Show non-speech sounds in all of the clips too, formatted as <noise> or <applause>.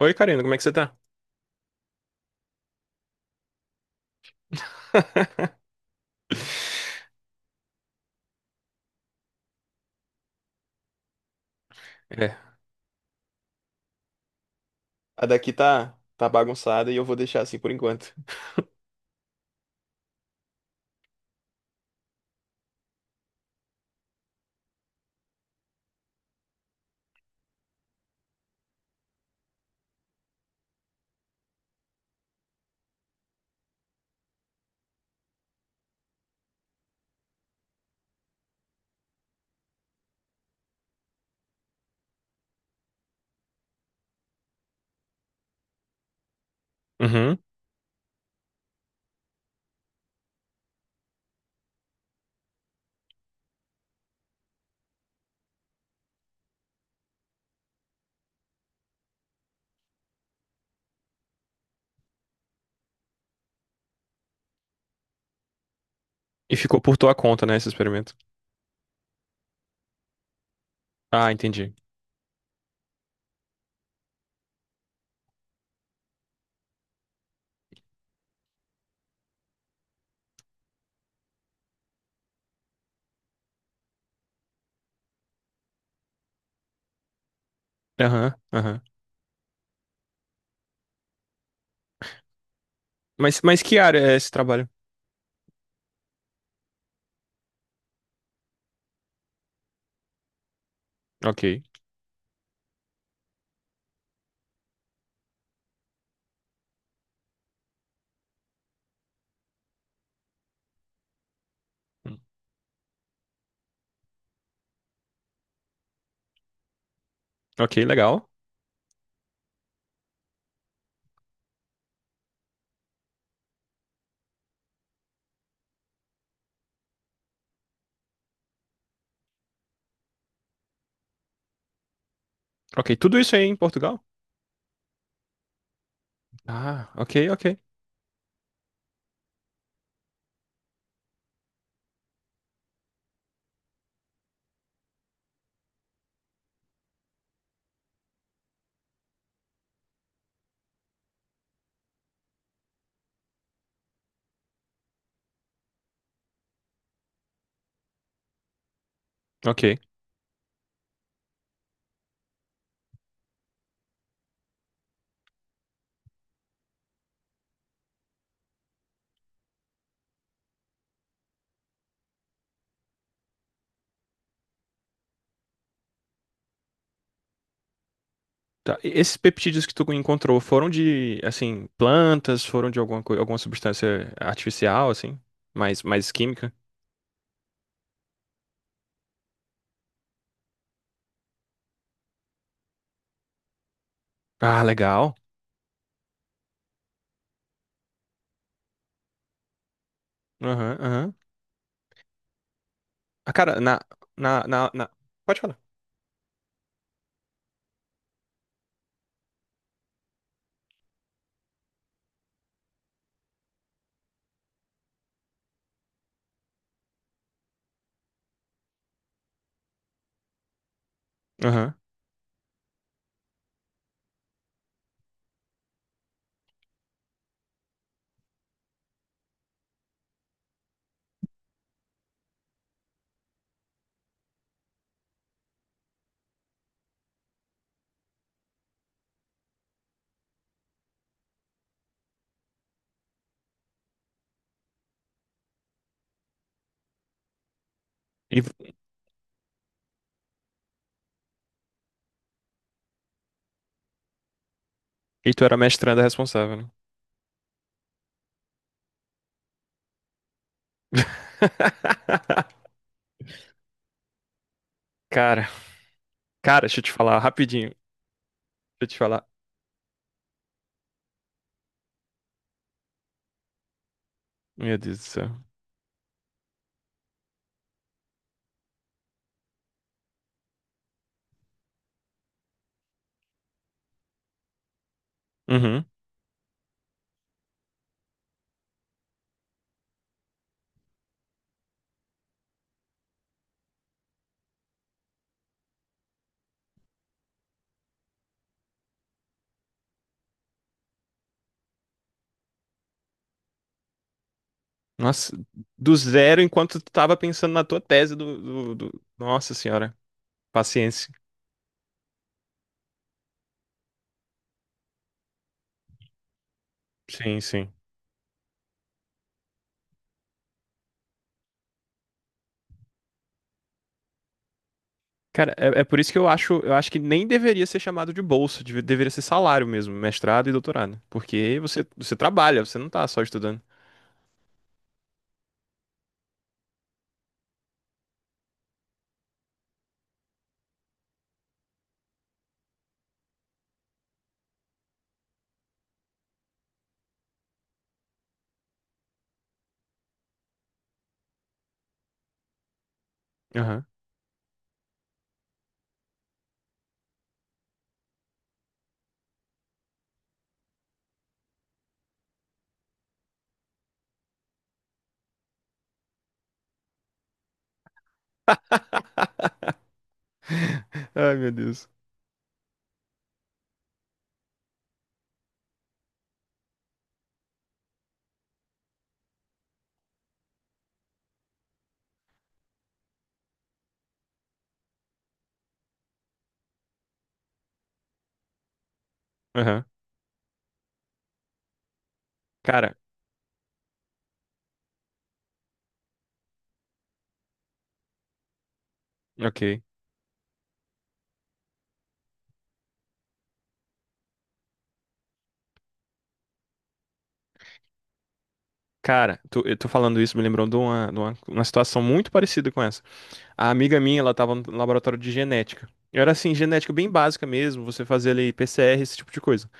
Oi, Karina, como é que você tá? <laughs> É. A daqui tá bagunçada e eu vou deixar assim por enquanto. Uhum. E ficou por tua conta, né, esse experimento. Ah, entendi. Aham, aham. Mas que área é esse trabalho? Ok. Ok, legal. Ok, tudo isso aí em Portugal? Ah, ok, ok. Ok. Tá. E esses peptídeos que tu encontrou foram de, assim, plantas, foram de alguma substância artificial, assim? Mais química? Ah, legal. Aham, aham. Ah, cara, na, na, na- pode falar. Aham. E, e tu era mestranda responsável, né? <laughs> Cara, cara, deixa eu te falar rapidinho. Deixa eu te falar. Meu Deus do céu. Uhum. Nossa, do zero enquanto tu tava pensando na tua tese Nossa senhora. Paciência. Sim, sim. Cara, é por isso que eu acho que nem deveria ser chamado de bolsa, deveria ser salário mesmo, mestrado e doutorado. Porque você, você trabalha, você não tá só estudando. Aham. <laughs> <laughs> Ai, meu Deus. Aham. Cara, ok. Cara, tu, eu tô falando isso, me lembrou de uma situação muito parecida com essa. A amiga minha, ela tava no laboratório de genética. Era assim, genética bem básica mesmo, você fazia ali PCR, esse tipo de coisa.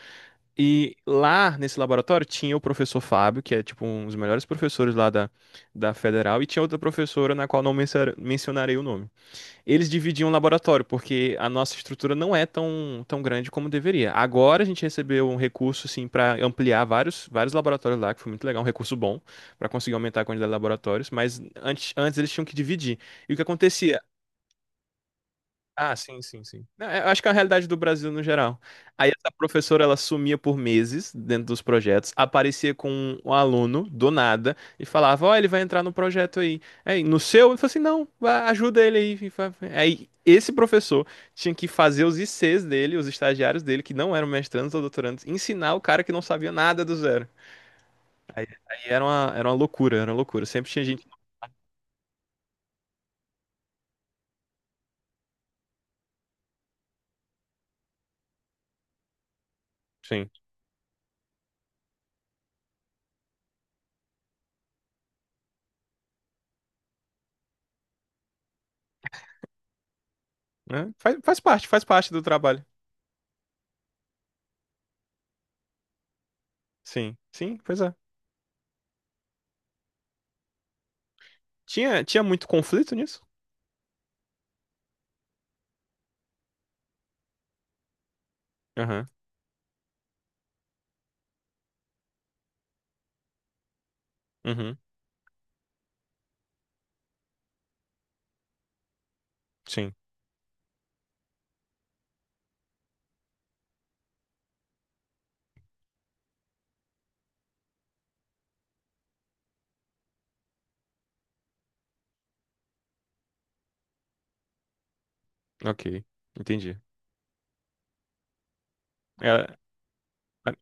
E lá nesse laboratório tinha o professor Fábio, que é tipo um dos melhores professores lá da Federal, e tinha outra professora na qual não mencionarei o nome. Eles dividiam o laboratório, porque a nossa estrutura não é tão grande como deveria. Agora a gente recebeu um recurso, assim, para ampliar vários laboratórios lá, que foi muito legal, um recurso bom, para conseguir aumentar a quantidade de laboratórios, mas antes eles tinham que dividir. E o que acontecia? Ah, sim, sim, sim. Não, é, eu acho que é a realidade do Brasil no geral. Aí essa professora, ela sumia por meses dentro dos projetos, aparecia com um aluno do nada e falava: Ó, ele vai entrar no projeto aí. Aí no seu, ele falou assim: Não, vá, ajuda ele aí. Aí esse professor tinha que fazer os ICs dele, os estagiários dele, que não eram mestrandos ou doutorandos, ensinar o cara que não sabia nada do zero. Aí era uma loucura, era uma loucura. Sempre tinha gente. Sim. Né? Faz parte, faz parte do trabalho. Sim, sim, pois é. Tinha muito conflito nisso? Aham. Uhum. Sim. Ok. Entendi. Era- ah,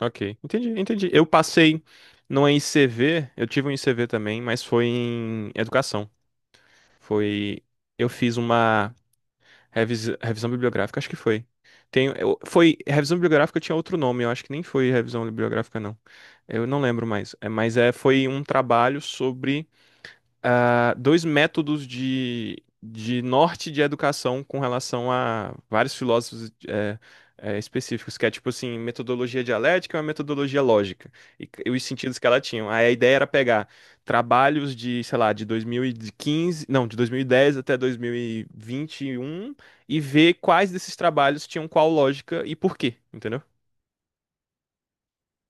ok. Entendi, entendi. Eu passei numa ICV, eu tive um ICV também, mas foi em educação. Foi. Eu fiz uma revisão bibliográfica, acho que foi. Foi revisão bibliográfica, tinha outro nome, eu acho que nem foi revisão bibliográfica, não. Eu não lembro mais. É, mas é, foi um trabalho sobre dois métodos de norte de educação com relação a vários filósofos específicos, que é tipo assim, metodologia dialética e uma metodologia lógica, e os sentidos que ela tinha. Aí a ideia era pegar trabalhos de, sei lá, de 2015 não, de 2010 até dois mil e vinte e um e ver quais desses trabalhos tinham qual lógica e por quê, entendeu?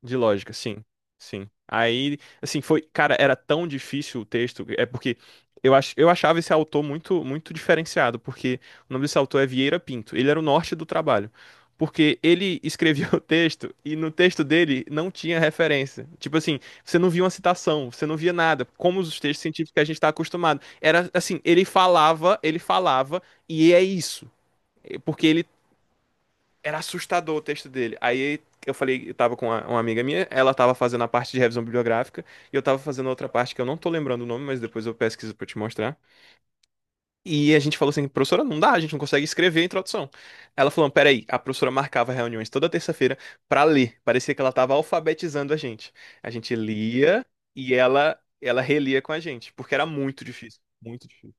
De lógica, sim. Sim. Aí, assim, foi, cara, era tão difícil o texto, é porque eu achava esse autor muito muito diferenciado, porque o nome desse autor é Vieira Pinto. Ele era o norte do trabalho. Porque ele escrevia <laughs> o texto e no texto dele não tinha referência. Tipo assim, você não via uma citação, você não via nada, como os textos científicos que a gente está acostumado. Era assim, ele falava e é isso. Porque ele era assustador o texto dele. Aí eu falei, eu tava com uma amiga minha, ela tava fazendo a parte de revisão bibliográfica, e eu tava fazendo outra parte que eu não tô lembrando o nome, mas depois eu pesquiso pra te mostrar. E a gente falou assim: Professora, não dá, a gente não consegue escrever a introdução. Ela falou, peraí. A professora marcava reuniões toda terça-feira pra ler. Parecia que ela tava alfabetizando a gente. A gente lia e ela relia com a gente, porque era muito difícil. Muito difícil.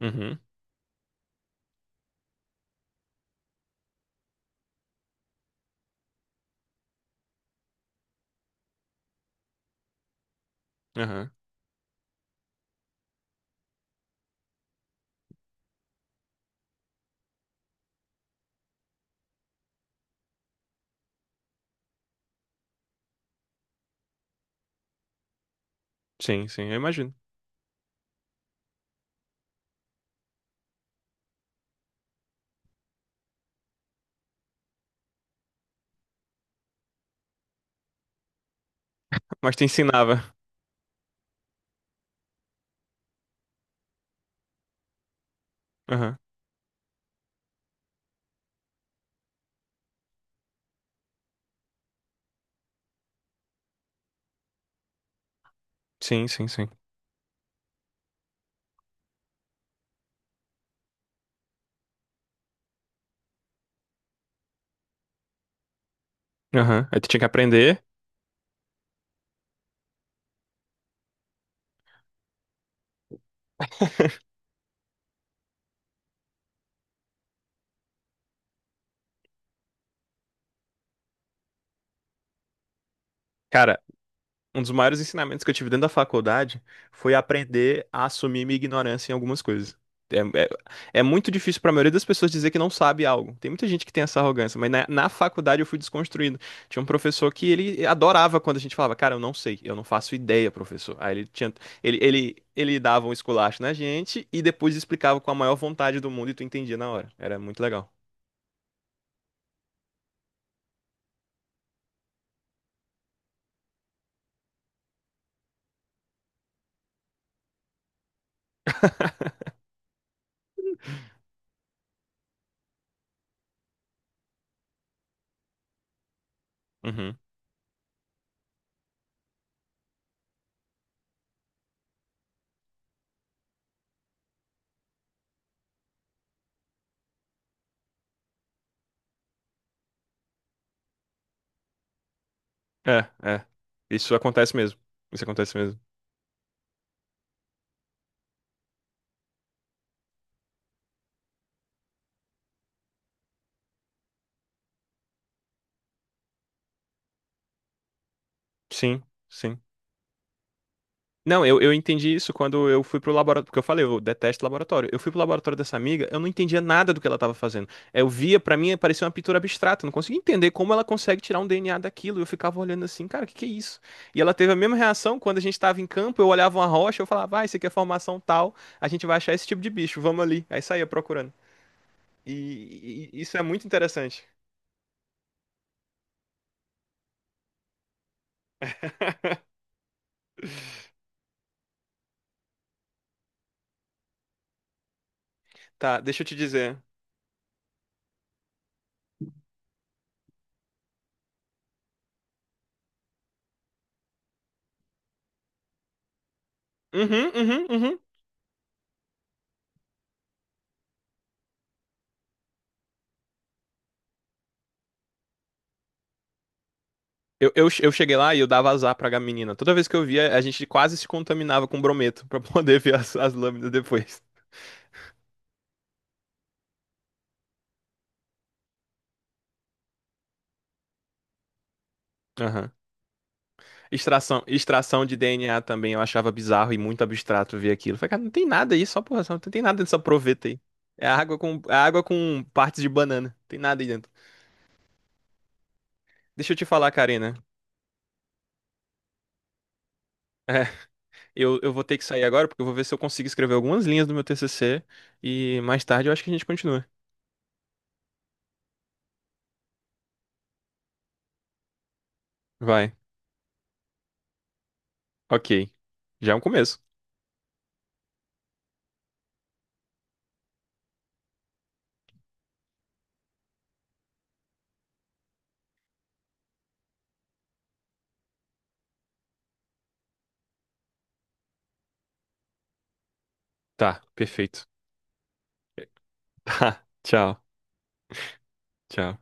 Uhum, aham. Sim, sim, eu imagino. Mas te ensinava. Aham. Sim, sim, sim. Aham. Aí tu tinha que aprender. <laughs> Cara, um dos maiores ensinamentos que eu tive dentro da faculdade foi aprender a assumir minha ignorância em algumas coisas. É, é- é muito difícil pra maioria das pessoas dizer que não sabe algo. Tem muita gente que tem essa arrogância, mas na faculdade eu fui desconstruindo. Tinha um professor que ele adorava quando a gente falava: Cara, eu não sei, eu não faço ideia, professor. Aí ele tinha, ele dava um esculacho na gente e depois explicava com a maior vontade do mundo e tu entendia na hora. Era muito legal. Uhum. É, é. Isso acontece mesmo. Isso acontece mesmo. Sim, sim. Não, eu entendi isso quando eu fui pro laboratório, porque eu falei, eu detesto laboratório. Eu fui pro laboratório dessa amiga, eu não entendia nada do que ela tava fazendo. Eu via, pra mim, parecia uma pintura abstrata, eu não conseguia entender como ela consegue tirar um DNA daquilo. Eu ficava olhando assim, cara, o que que é isso? E ela teve a mesma reação quando a gente tava em campo, eu olhava uma rocha, eu falava, ah, isso aqui é formação tal, a gente vai achar esse tipo de bicho, vamos ali. Aí saía procurando. E isso é muito interessante. Tá, deixa eu te dizer. Uhum, uhum, uhum. Eu cheguei lá e eu dava azar pra menina. Toda vez que eu via, a gente quase se contaminava com brometo pra <laughs> poder ver as lâminas depois. Aham. Extração de DNA também eu achava bizarro e muito abstrato ver aquilo. Falei, cara, não tem nada aí, só porra, não tem nada dessa proveta aí. É água com partes de banana. Não tem nada aí dentro. Deixa eu te falar, Karina. É, eu vou ter que sair agora porque eu vou ver se eu consigo escrever algumas linhas do meu TCC e mais tarde eu acho que a gente continua. Vai. Ok. Já é um começo. Tá, perfeito. <laughs> Tchau, tchau.